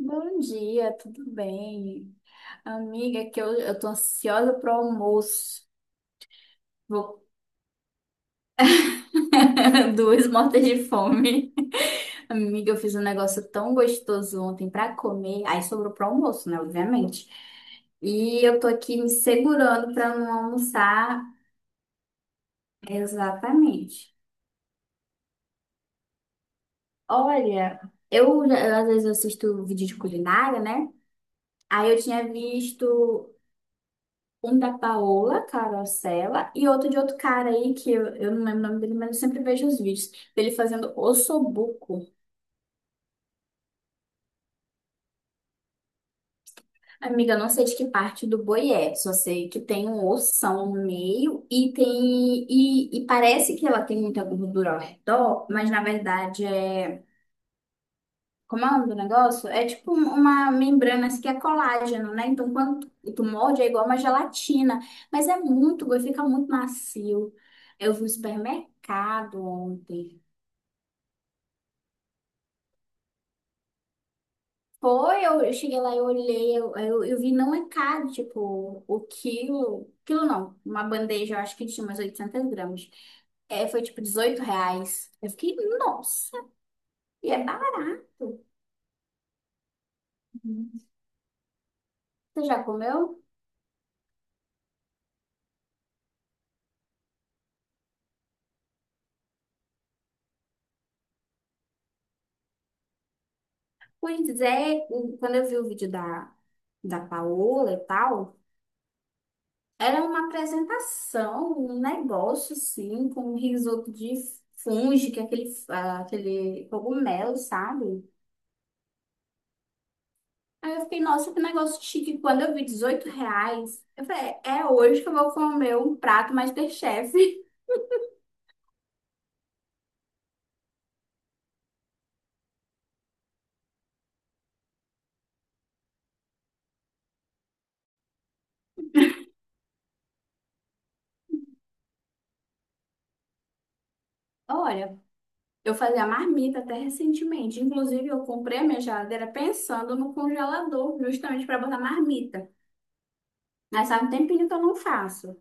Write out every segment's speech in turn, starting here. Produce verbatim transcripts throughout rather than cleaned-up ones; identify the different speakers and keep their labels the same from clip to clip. Speaker 1: Bom dia, tudo bem? Amiga, é que eu, eu tô ansiosa pro almoço. Vou. Duas mortas de fome. Amiga, eu fiz um negócio tão gostoso ontem pra comer. Aí sobrou pro almoço, né? Obviamente. E eu tô aqui me segurando pra não almoçar. Exatamente. Olha, eu, eu às vezes assisto vídeo de culinária, né? Aí eu tinha visto. Um da Paola Carosella e outro de outro cara aí que eu, eu não lembro o nome dele, mas eu sempre vejo os vídeos dele fazendo ossobuco. Amiga, eu não sei de que parte do boi é, só sei que tem um ossão no meio e tem e, e parece que ela tem muita gordura ao redor, mas na verdade é. Como é o nome do negócio? É tipo um- uma membrana assim, que é colágeno, né? Então, quando tu tu morde, é igual uma gelatina. Mas é muito, fica muito macio. Eu vi no supermercado ontem. Foi, eu, eu cheguei lá, eu olhei, eu, eu, eu vi não é caro, tipo, o quilo, quilo não, uma bandeja, eu acho que tinha umas oitocentos gramas. É, foi tipo dezoito reais. Eu fiquei, nossa, e é barato. Você já comeu? Pois é, quando eu vi o vídeo da, da Paola e tal, era uma apresentação, um negócio assim, com um risoto de fungi, que é aquele, ah, aquele cogumelo, sabe? Aí eu fiquei, nossa, que negócio chique. Quando eu vi dezoito reais, eu falei, é hoje que eu vou comer um prato MasterChef. Olha, eu fazia marmita até recentemente. Inclusive, eu comprei a minha geladeira pensando no congelador, justamente para botar marmita. Mas faz um tempinho que eu não faço.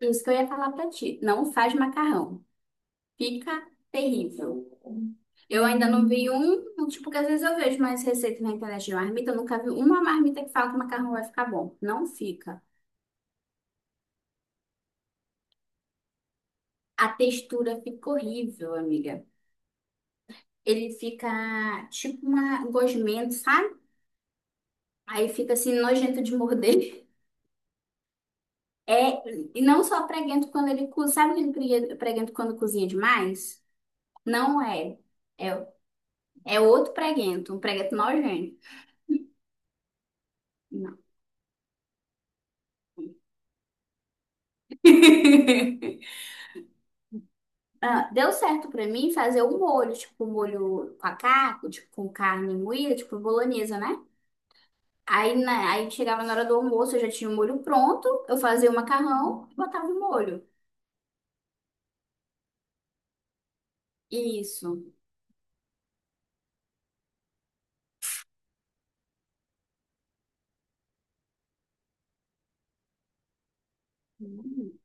Speaker 1: Isso que eu ia falar para ti. Não faz macarrão. Fica terrível. Eu ainda não vi um, um tipo, que às vezes eu vejo mais receitas na internet de marmita. Eu nunca vi uma marmita que fala que o macarrão vai ficar bom. Não fica. A textura fica horrível, amiga. Ele fica tipo uma gosmento, sabe? Aí fica assim nojento de morder. É, e não só preguento quando ele cozinha. Sabe aquele pregue- preguento quando cozinha demais? Não é. É, é outro preguento, um preguento nojento. Não. Ah, deu certo pra mim fazer o molho, tipo um molho com a carne, tipo com carne moída, tipo bolonhesa, né? Aí, na- aí chegava na hora do almoço, eu já tinha o molho pronto, eu fazia o macarrão e botava o molho. Isso. Hum.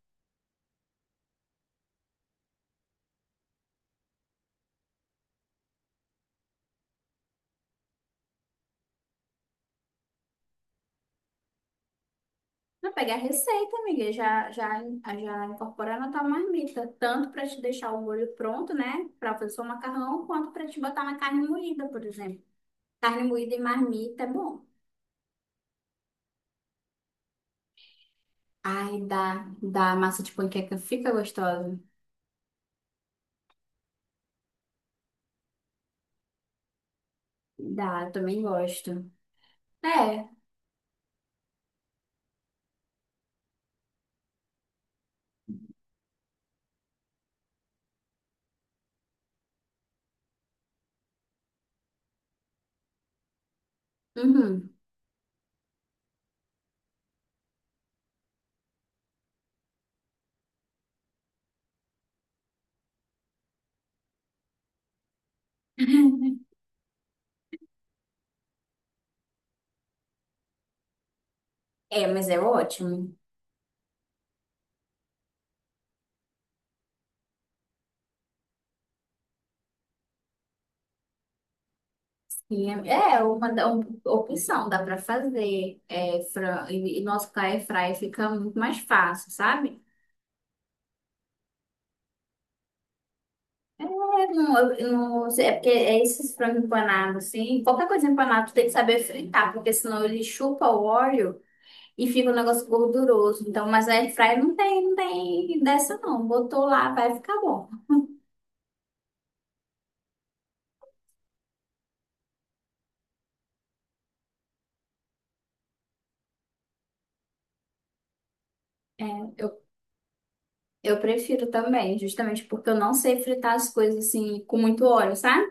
Speaker 1: Pra pegar a receita, amiga, já, já, já incorporar na tua marmita, tanto para te deixar o molho pronto, né, pra fazer o macarrão, quanto para te botar na carne moída, por exemplo. Carne moída e marmita é bom. Ai, dá, dá, a massa de panqueca fica gostosa. Dá, eu também gosto. É, uhum. É, mas é ótimo. E É é uma, da- uma opção, dá para fazer. É, fran, e, e nosso air fry fica muito mais fácil, sabe? É, não, eu- eu não sei, é porque é esses frangos empanados, assim. Qualquer coisa empanada, tu tem que saber fritar, porque senão ele chupa o óleo e fica um negócio gorduroso. Então, mas a air fry não tem, não tem dessa, não. Botou lá, vai ficar bom. É, eu, eu prefiro também, justamente porque eu não sei fritar as coisas assim com muito óleo, sabe?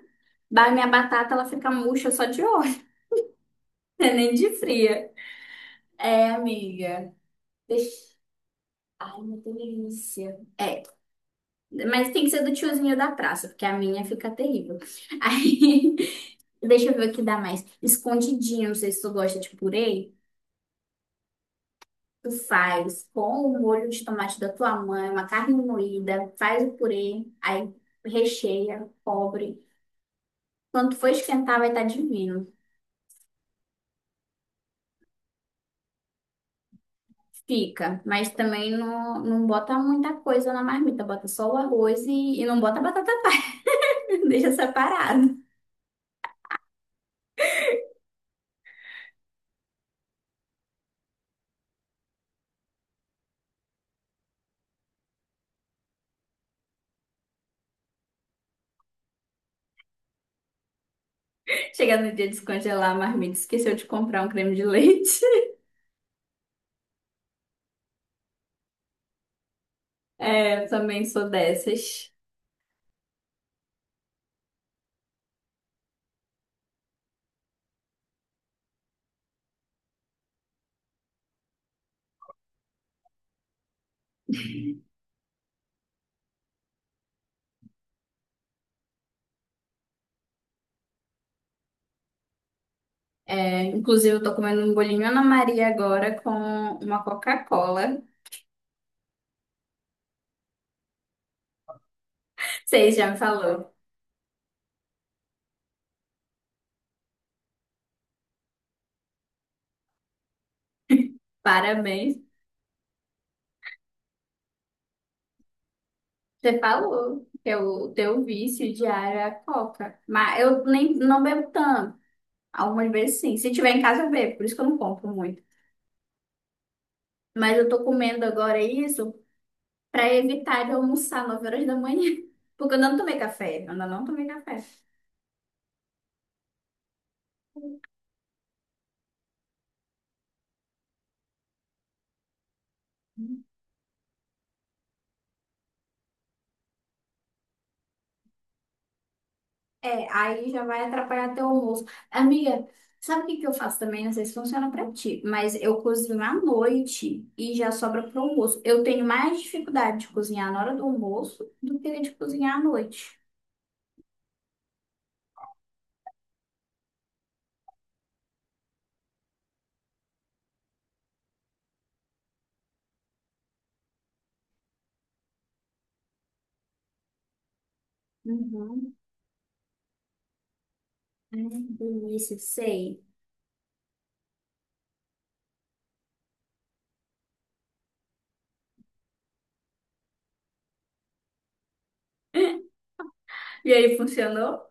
Speaker 1: Ba- Minha batata, ela fica murcha só de óleo. Nem de fria. É, amiga. Deixa. Ai, uma delícia. É, mas tem que ser do tiozinho da praça, porque a minha fica terrível. Aí, deixa eu ver o que dá mais. Escondidinho, não sei se tu gosta de purê. Tu faz com o molho de tomate da tua mãe, uma carne moída, faz o purê, aí recheia, cobre. Quando for esquentar, vai estar divino. Fica, mas também não, não bota muita coisa na marmita, bota só o arroz e, e não bota batata. Deixa separado. Chegar no dia de descongelar a marmita, esqueceu de comprar um creme de leite. É, eu também sou dessas. É, inclusive, eu tô comendo um bolinho Ana Maria agora com uma Coca-Cola. Vocês já me falou. Parabéns. Você falou que é o teu vício diário é a Coca. Mas eu nem não bebo tanto. Algumas vezes sim. Se tiver em casa, eu bebo. Por isso que eu não compro muito. Mas eu tô comendo agora isso para evitar de almoçar nove horas da manhã. Porque eu ainda não tomei café, eu ainda não tomei café. É, aí já vai atrapalhar teu almoço. Amiga, sabe o que que eu faço também? Não sei se funciona pra ti, mas eu cozinho à noite e já sobra pro almoço. Eu tenho mais dificuldade de cozinhar na hora do almoço do que de cozinhar à noite. Uhum. Ai, que delícia, sei. E aí, funcionou?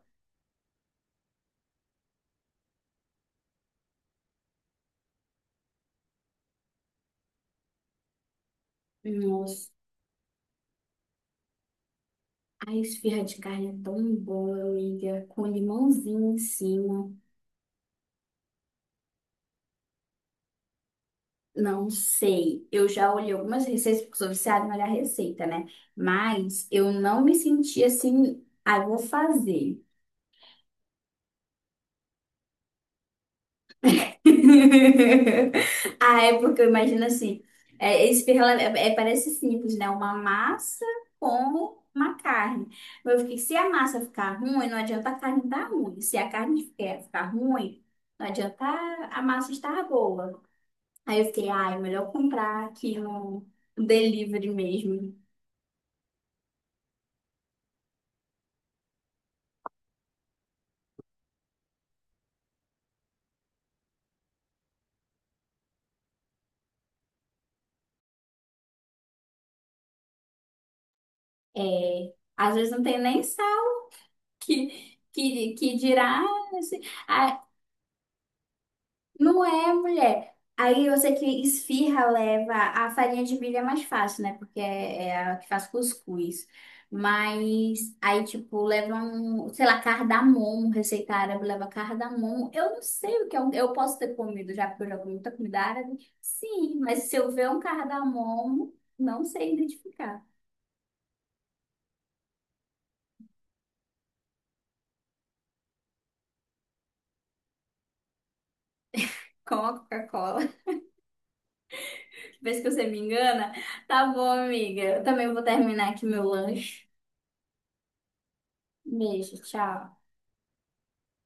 Speaker 1: Nossa, a esfirra de carne é tão boa, amiga, com limãozinho em cima. Não sei. Eu já olhei algumas receitas, porque eu sou viciada em olhar receita, né? Mas eu não me senti assim, ah, eu vou fazer. Ah, é porque eu imagino assim, é, esfirra, ela- é, é- parece simples, né? Uma massa com uma carne. Mas eu fiquei, se a massa ficar ruim, não adianta a carne estar ruim. Se a carne ficar ficar ruim, não adianta a massa estar boa. Aí eu fiquei, ai, melhor comprar aqui no delivery mesmo. É, às vezes não tem nem sal que, que, que dirá. Ah, assim, ah, não é, mulher. Aí você que esfirra leva a farinha de milho é mais fácil, né? Porque é, é a que faz cuscuz. Mas aí, tipo, leva um, sei lá, cardamomo, receita árabe leva cardamomo. Eu não sei o que é um, eu posso ter comido já, porque eu já comi muita comida árabe. Sim, mas se eu ver um cardamomo, não sei identificar com a Coca-Cola. Vez que você me engana. Tá bom, amiga. Eu também vou terminar aqui meu lanche. Beijo, tchau.